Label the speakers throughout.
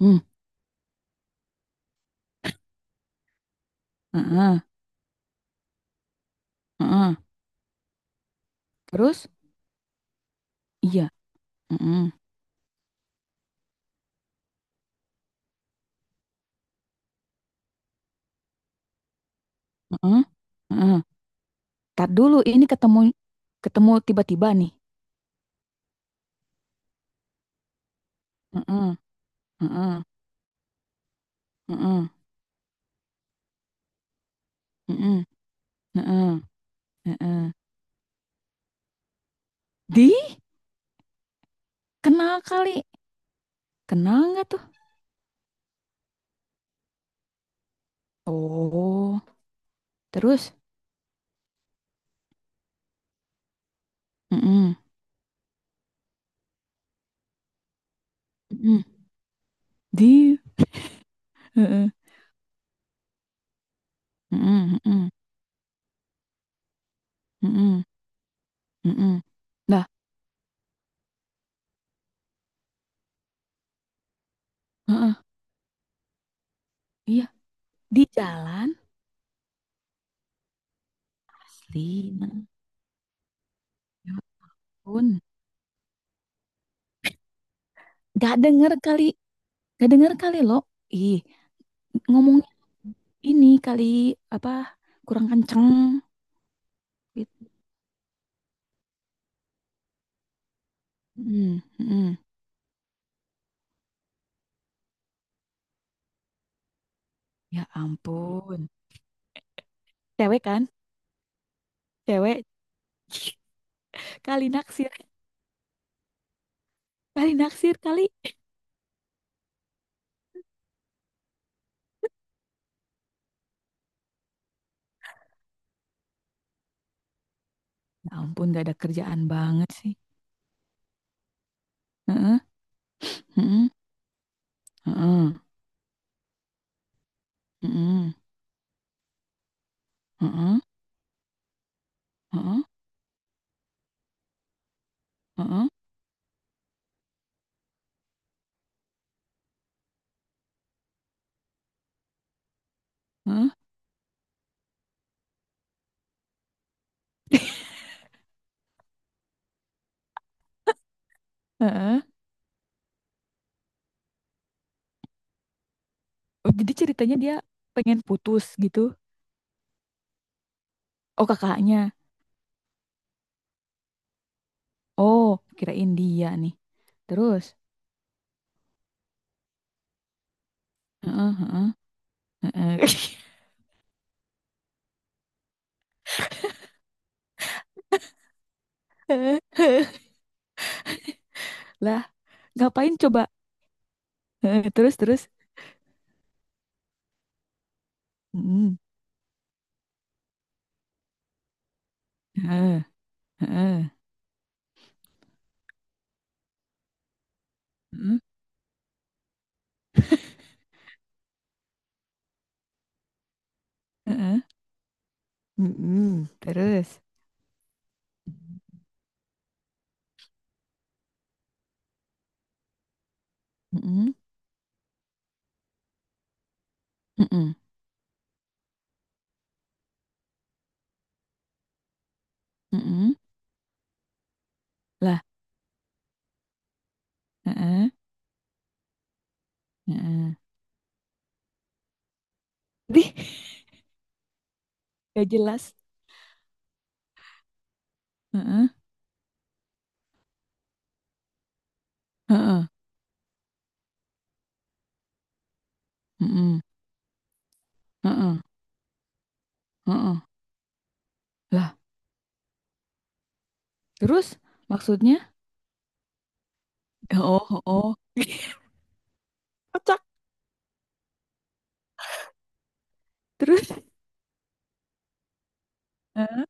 Speaker 1: Mmm, heeh heeh. Terus? Iya, mhm, heeh heeh. Entar dulu ini ketemu ketemu tiba-tiba nih? Heeh heeh heeh heeh heeh heeh. Di? Kenal kali. Kenal nggak tuh? Oh, terus? Mhm mhm. Di, heeh, mhm mhm mhm mhm. Nah, heeh, iya, di jalan? Asli, mhm, ya ampun. Nggak denger kali, nggak denger kali, Lo. Ih. Ngomongnya ini kali, apa kurang kenceng gitu. Mm, mm. Ya ampun. Cewek kan? Cewek kali naksir, kali naksir kali. Ya ampun, gak ada kerjaan banget sih. Heeh, heeh, heeh, heeh, heeh, heeh, heeh, heeh, heeh. Oh, jadi ceritanya dia pengen putus gitu. Oh, kakaknya. Oh, kirain dia nih. Terus, heeh, heeh, heeh. Lah, ngapain coba. Heeh, terus terus. Mm, heeh, heeh, mhm, heeh, mhm, terus. Mhm, mhm, mhm, lah, heeh, heeh. Dih, gak jelas. Heeh, heeh, mhm, heeh, heeh, lah, terus maksudnya? Oh, oh, oh. Kocak. Terus, heeh,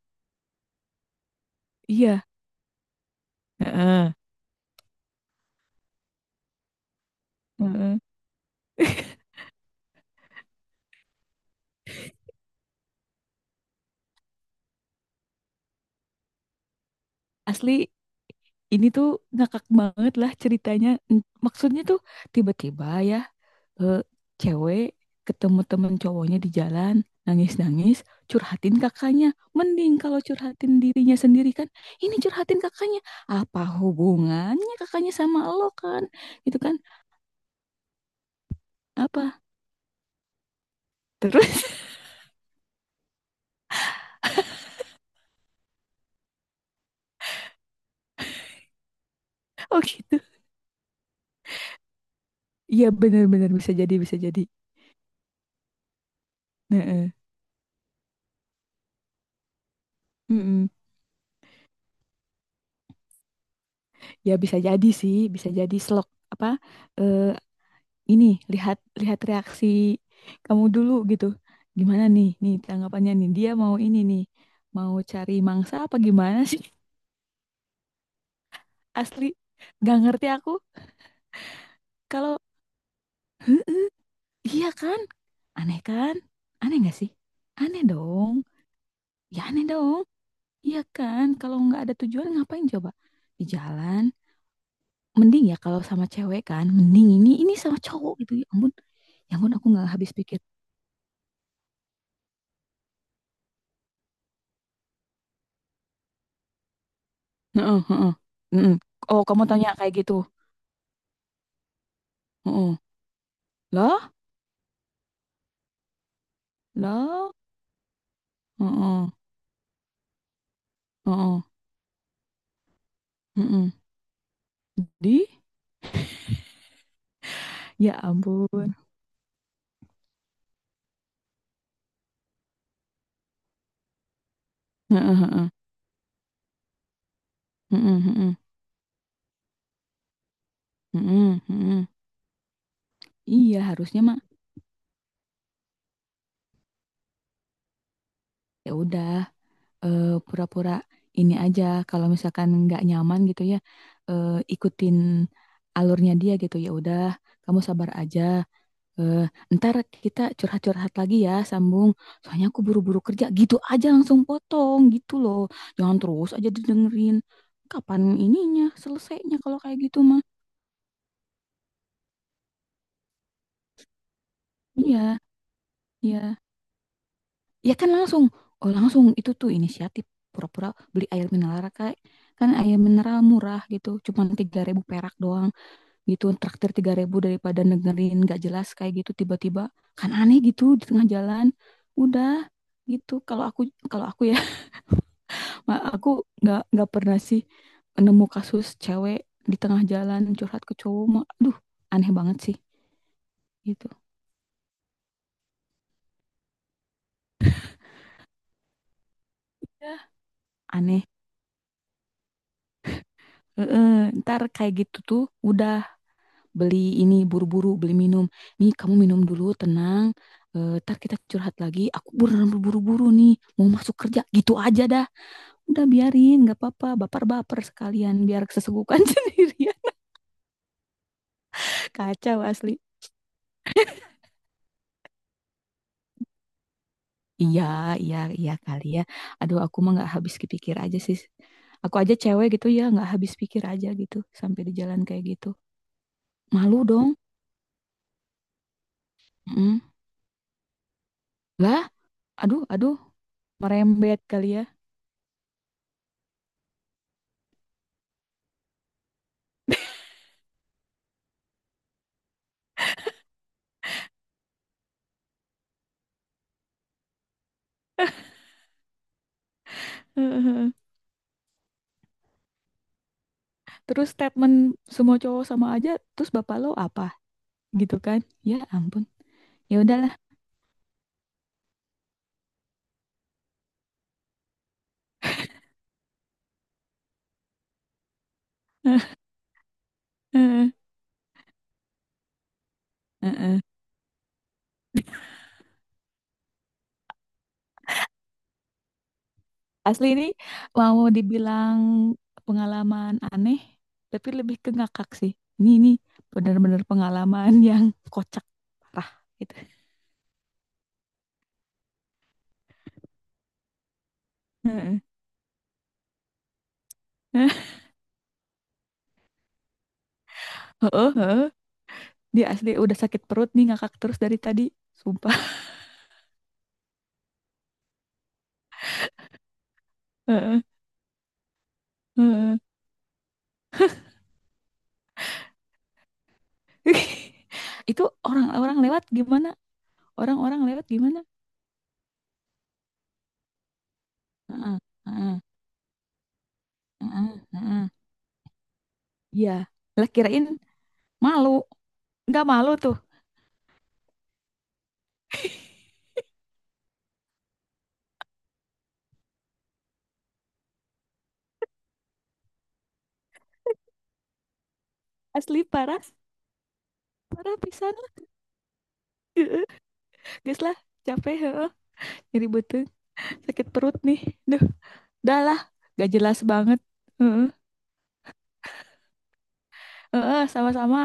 Speaker 1: iya, heeh, heeh. Asli ini tuh ngakak banget lah ceritanya. Mm, maksudnya tuh tiba-tiba ya, eh, cewek ketemu temen cowoknya di jalan, nangis-nangis, curhatin kakaknya. Mending kalau curhatin dirinya sendiri kan, ini curhatin kakaknya. Apa hubungannya kakaknya sama lo kan, gitu kan, apa, terus? Oh gitu. Iya, bener-bener bisa jadi, bisa jadi. Heeh. Mm-mm. Ya bisa jadi sih, bisa jadi, slok apa, eh, ini, lihat lihat reaksi kamu dulu gitu. Gimana nih nih tanggapannya, nih dia mau ini nih, mau cari mangsa apa gimana sih? Asli gak ngerti aku kalau, iya kan, aneh kan? Aneh gak sih? Aneh dong. Ya aneh dong. Iya kan, kalau nggak ada tujuan ngapain coba di jalan? Mending ya kalau sama cewek kan, mending ini sama cowok, gitu ya ampun. Ya ampun, aku nggak habis pikir. Heeh, heeh. Mm. Oh, kamu tanya kayak gitu. Heeh. Lah. Loh, heeh, heeh, mhm. Di? Ya ampun. Heeh heeh. Mhm mhm. Mhm mhm. Iya, harusnya mah ya udah, pura-pura ini aja kalau misalkan nggak nyaman gitu ya, ikutin alurnya dia gitu, ya udah kamu sabar aja, eee, entar kita curhat-curhat lagi ya, sambung, soalnya aku buru-buru kerja, gitu aja langsung potong, gitu loh. Jangan terus aja didengerin, kapan ininya, selesainya kalau kayak gitu mah. Iya, iya. Ya kan langsung, oh langsung itu tuh inisiatif pura-pura beli air mineral, kayak kan air mineral murah gitu, cuman 3.000 perak doang gitu, traktir 3.000 daripada negerin nggak jelas kayak gitu tiba-tiba, kan aneh gitu di tengah jalan. Udah, gitu kalau aku ya, aku nggak pernah sih nemu kasus cewek di tengah jalan curhat ke cowok mah, aduh, aneh banget sih gitu. Ya. Aneh. Heeh, ntar kayak gitu tuh udah, beli ini buru-buru, beli minum, nih kamu minum dulu, tenang. Eh, ntar kita curhat lagi, aku beneran buru-buru nih mau masuk kerja, gitu aja dah. Udah, biarin, nggak apa-apa, baper-baper sekalian biar kesegukan sendiri ya. Kacau asli. Iya, iya, iya, kali ya. Aduh, aku mah nggak habis kepikir aja sih, aku aja cewek gitu ya nggak habis pikir aja gitu, sampai di jalan kayak gitu malu dong. Mm. Lah, aduh, aduh, merembet kali ya. Terus statement semua cowok sama aja, terus bapak lo apa gitu kan? Ya ampun, ya udahlah. Heeh, heeh. Asli ini mau dibilang pengalaman aneh, tapi lebih ke ngakak sih. Ini benar-benar pengalaman yang kocak parah gitu. Heeh. Heeh, heeh. Dia asli udah sakit perut nih ngakak terus dari tadi, sumpah. Heeh, heeh. Itu orang-orang lewat gimana? Orang-orang lewat gimana? Heeh, heeh, heeh, heeh. Iya, lah kirain malu. Nggak malu tuh. Asli parah. Parah pisan lah. Heeh. Geus lah, capek heeh. Nyeri beuteung, sakit perut nih. Duh, dah lah, gak jelas banget. Heeh, heeh, sama-sama.